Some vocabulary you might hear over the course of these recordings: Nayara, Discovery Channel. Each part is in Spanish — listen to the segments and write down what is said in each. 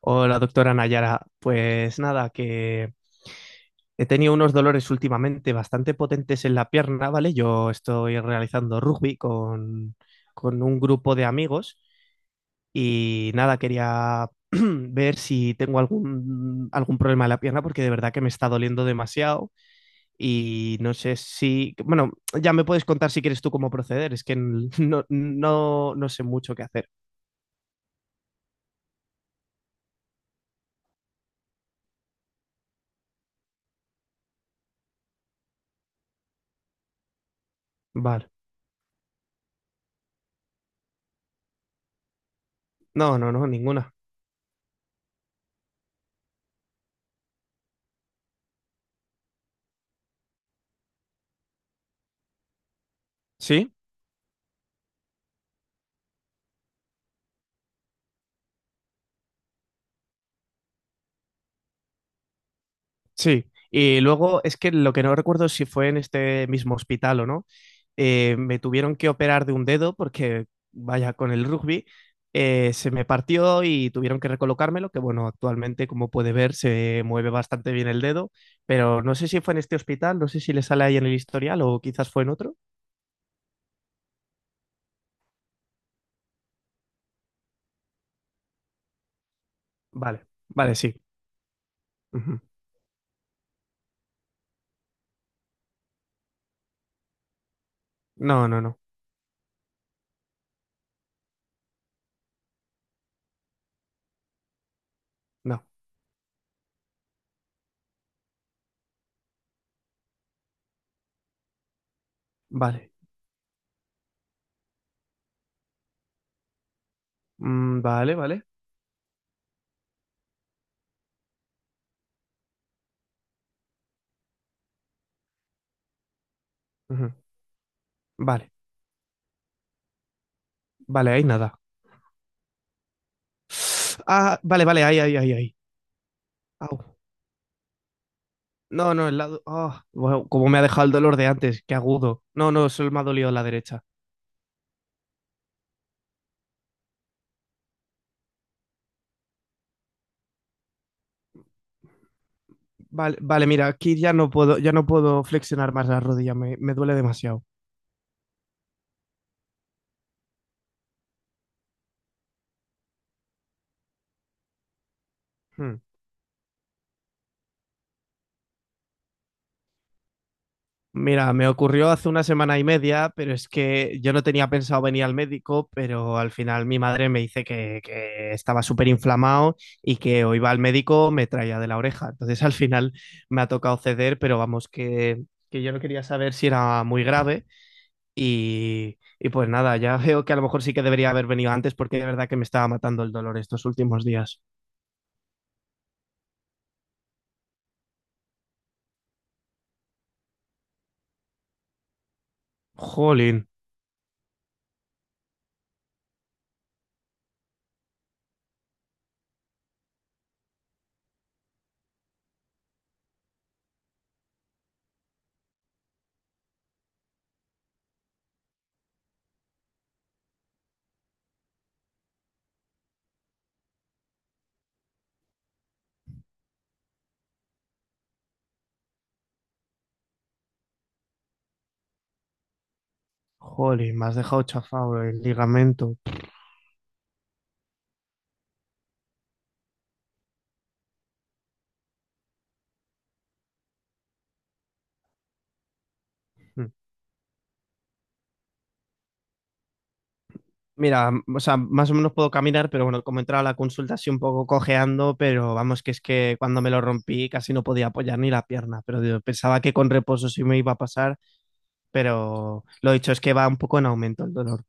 Hola, doctora Nayara. Pues nada, que he tenido unos dolores últimamente bastante potentes en la pierna, ¿vale? Yo estoy realizando rugby con un grupo de amigos y nada, quería ver si tengo algún problema en la pierna porque de verdad que me está doliendo demasiado y no sé si, bueno, ya me puedes contar si quieres tú cómo proceder, es que no, no, no sé mucho qué hacer. Vale. No, no, no, ninguna. ¿Sí? Sí, y luego es que lo que no recuerdo es si fue en este mismo hospital o no, me tuvieron que operar de un dedo porque, vaya, con el rugby se me partió y tuvieron que recolocármelo, que bueno, actualmente como puede ver se mueve bastante bien el dedo, pero no sé si fue en este hospital, no sé si le sale ahí en el historial o quizás fue en otro. Vale, vale, sí. Ujú. No, no, no, no. Vale. Vale, vale. Ujú. Vale, vale, ahí nada. Ah, vale, vale, ahí, ahí, ahí, ahí. Au. No, no, el lado. Ah, bueno, como me ha dejado el dolor de antes, qué agudo. No, no, solo me ha dolido la derecha. Vale, vale, mira, aquí ya no puedo flexionar más la rodilla, me duele demasiado. Hmm. Mira, me ocurrió hace una semana y media, pero es que yo no tenía pensado venir al médico, pero al final mi madre me dice que estaba súper inflamado y que o iba al médico me traía de la oreja. Entonces al final me ha tocado ceder, pero vamos, que yo no quería saber si era muy grave. Y pues nada, ya veo que a lo mejor sí que debería haber venido antes porque de verdad que me estaba matando el dolor estos últimos días. Jolín, jolín, me has dejado chafado el ligamento. Mm. Mira, o sea, más o menos puedo caminar, pero bueno, como he entrado a la consulta así un poco cojeando, pero vamos, que es que cuando me lo rompí casi no podía apoyar ni la pierna, pero digo, pensaba que con reposo sí me iba a pasar, pero lo dicho es que va un poco en aumento el dolor.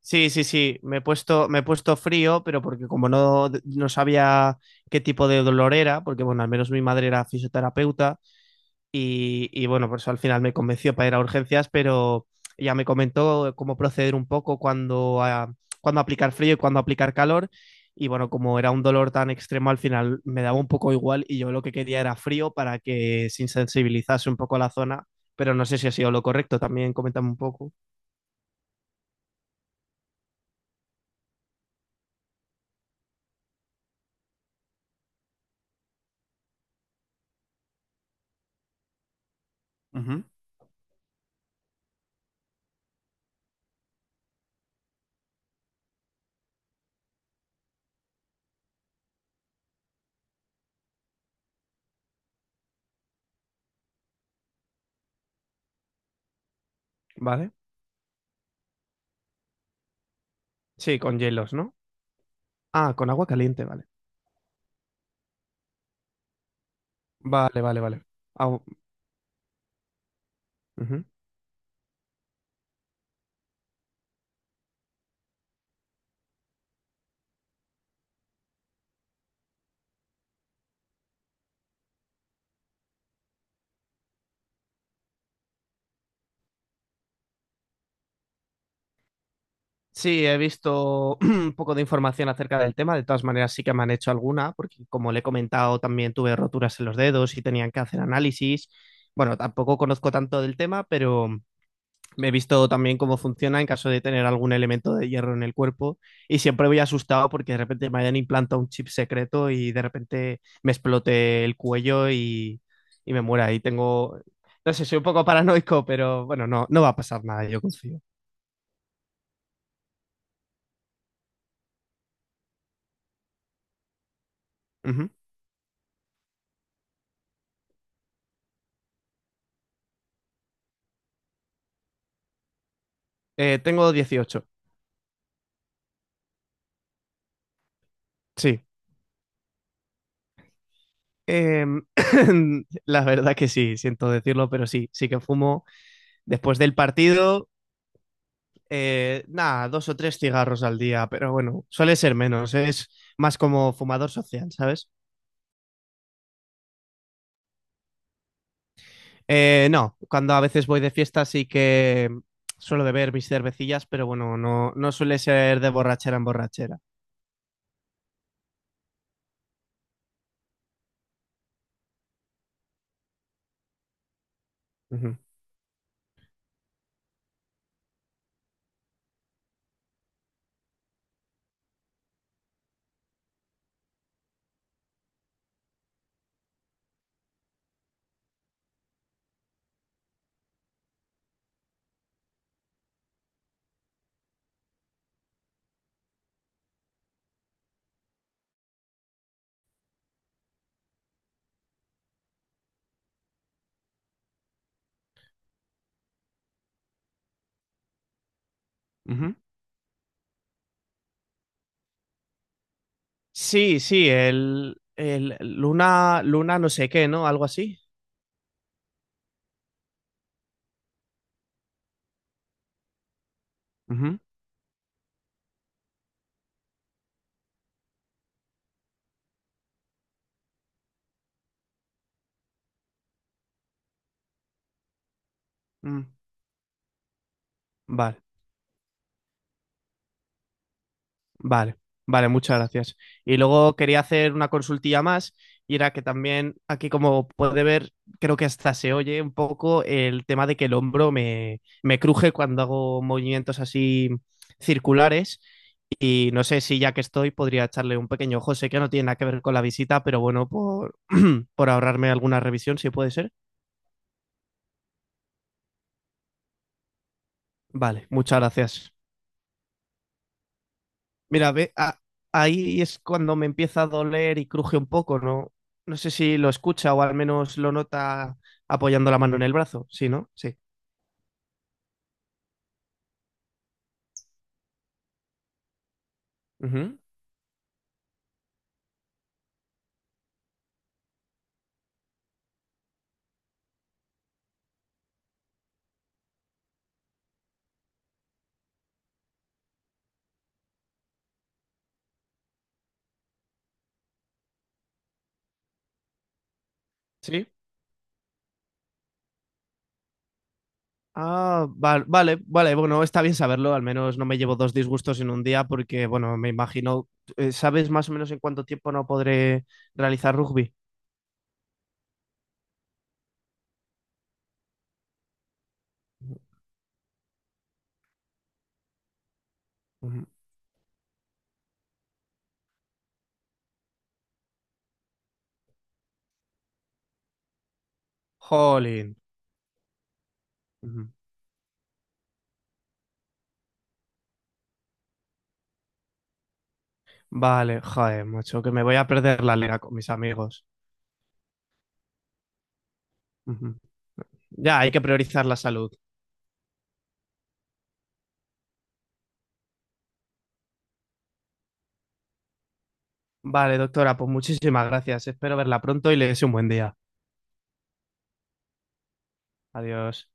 Sí, sí, sí, me he puesto frío, pero porque como no, no sabía qué tipo de dolor era, porque bueno, al menos mi madre era fisioterapeuta y bueno, por eso al final me convenció para ir a urgencias, pero ella me comentó cómo proceder un poco cuando, cuando aplicar frío y cuando aplicar calor. Y bueno, como era un dolor tan extremo, al final me daba un poco igual y yo lo que quería era frío para que se insensibilizase un poco la zona, pero no sé si ha sido lo correcto, también coméntame un poco, ¿vale? Sí, con hielos, ¿no? Ah, con agua caliente, vale. Vale, vale, vale. Au, ujú. Sí, he visto un poco de información acerca del tema. De todas maneras, sí que me han hecho alguna, porque como le he comentado, también tuve roturas en los dedos y tenían que hacer análisis. Bueno, tampoco conozco tanto del tema, pero he visto también cómo funciona en caso de tener algún elemento de hierro en el cuerpo y siempre voy asustado porque de repente me hayan implantado un chip secreto y de repente me explote el cuello y me muera. Y tengo, no sé, soy un poco paranoico, pero bueno, no, no va a pasar nada, yo confío. Ujú. Tengo 18, sí. Em, la verdad que sí, siento decirlo, pero sí, sí que fumo después del partido. Nada, dos o tres cigarros al día, pero bueno, suele ser menos, ¿eh? Es más como fumador social, ¿sabes? No, cuando a veces voy de fiesta sí que suelo beber mis cervecillas, pero bueno, no, no suele ser de borrachera en borrachera. Ujú, ujú. Sí, sí, el Luna, Luna no sé qué, ¿no? Algo así. Ujú, mm. Vale. Vale, vale, muchas gracias. Y luego quería hacer una consultilla más, y era que también aquí, como puede ver, creo que hasta se oye un poco el tema de que el hombro me cruje cuando hago movimientos así circulares. Y no sé si ya que estoy podría echarle un pequeño ojo. Sé que no tiene nada que ver con la visita, pero bueno, por, por ahorrarme alguna revisión, si puede ser. Vale, muchas gracias. Mira, ve, ahí es cuando me empieza a doler y cruje un poco, ¿no? No sé si lo escucha o al menos lo nota apoyando la mano en el brazo, ¿sí, no? Sí. Ujú. Sí. Vale, vale, bueno, está bien saberlo, al menos no me llevo dos disgustos en un día porque, bueno, me imagino, ¿sabes más o menos en cuánto tiempo no podré realizar rugby? Ujú. Jolín. Ujú. Vale, joder, macho, que me voy a perder la liga con mis amigos. Ujú. Ya, hay que priorizar la salud. Vale, doctora, pues muchísimas gracias. Espero verla pronto y le deseo un buen día. Adiós.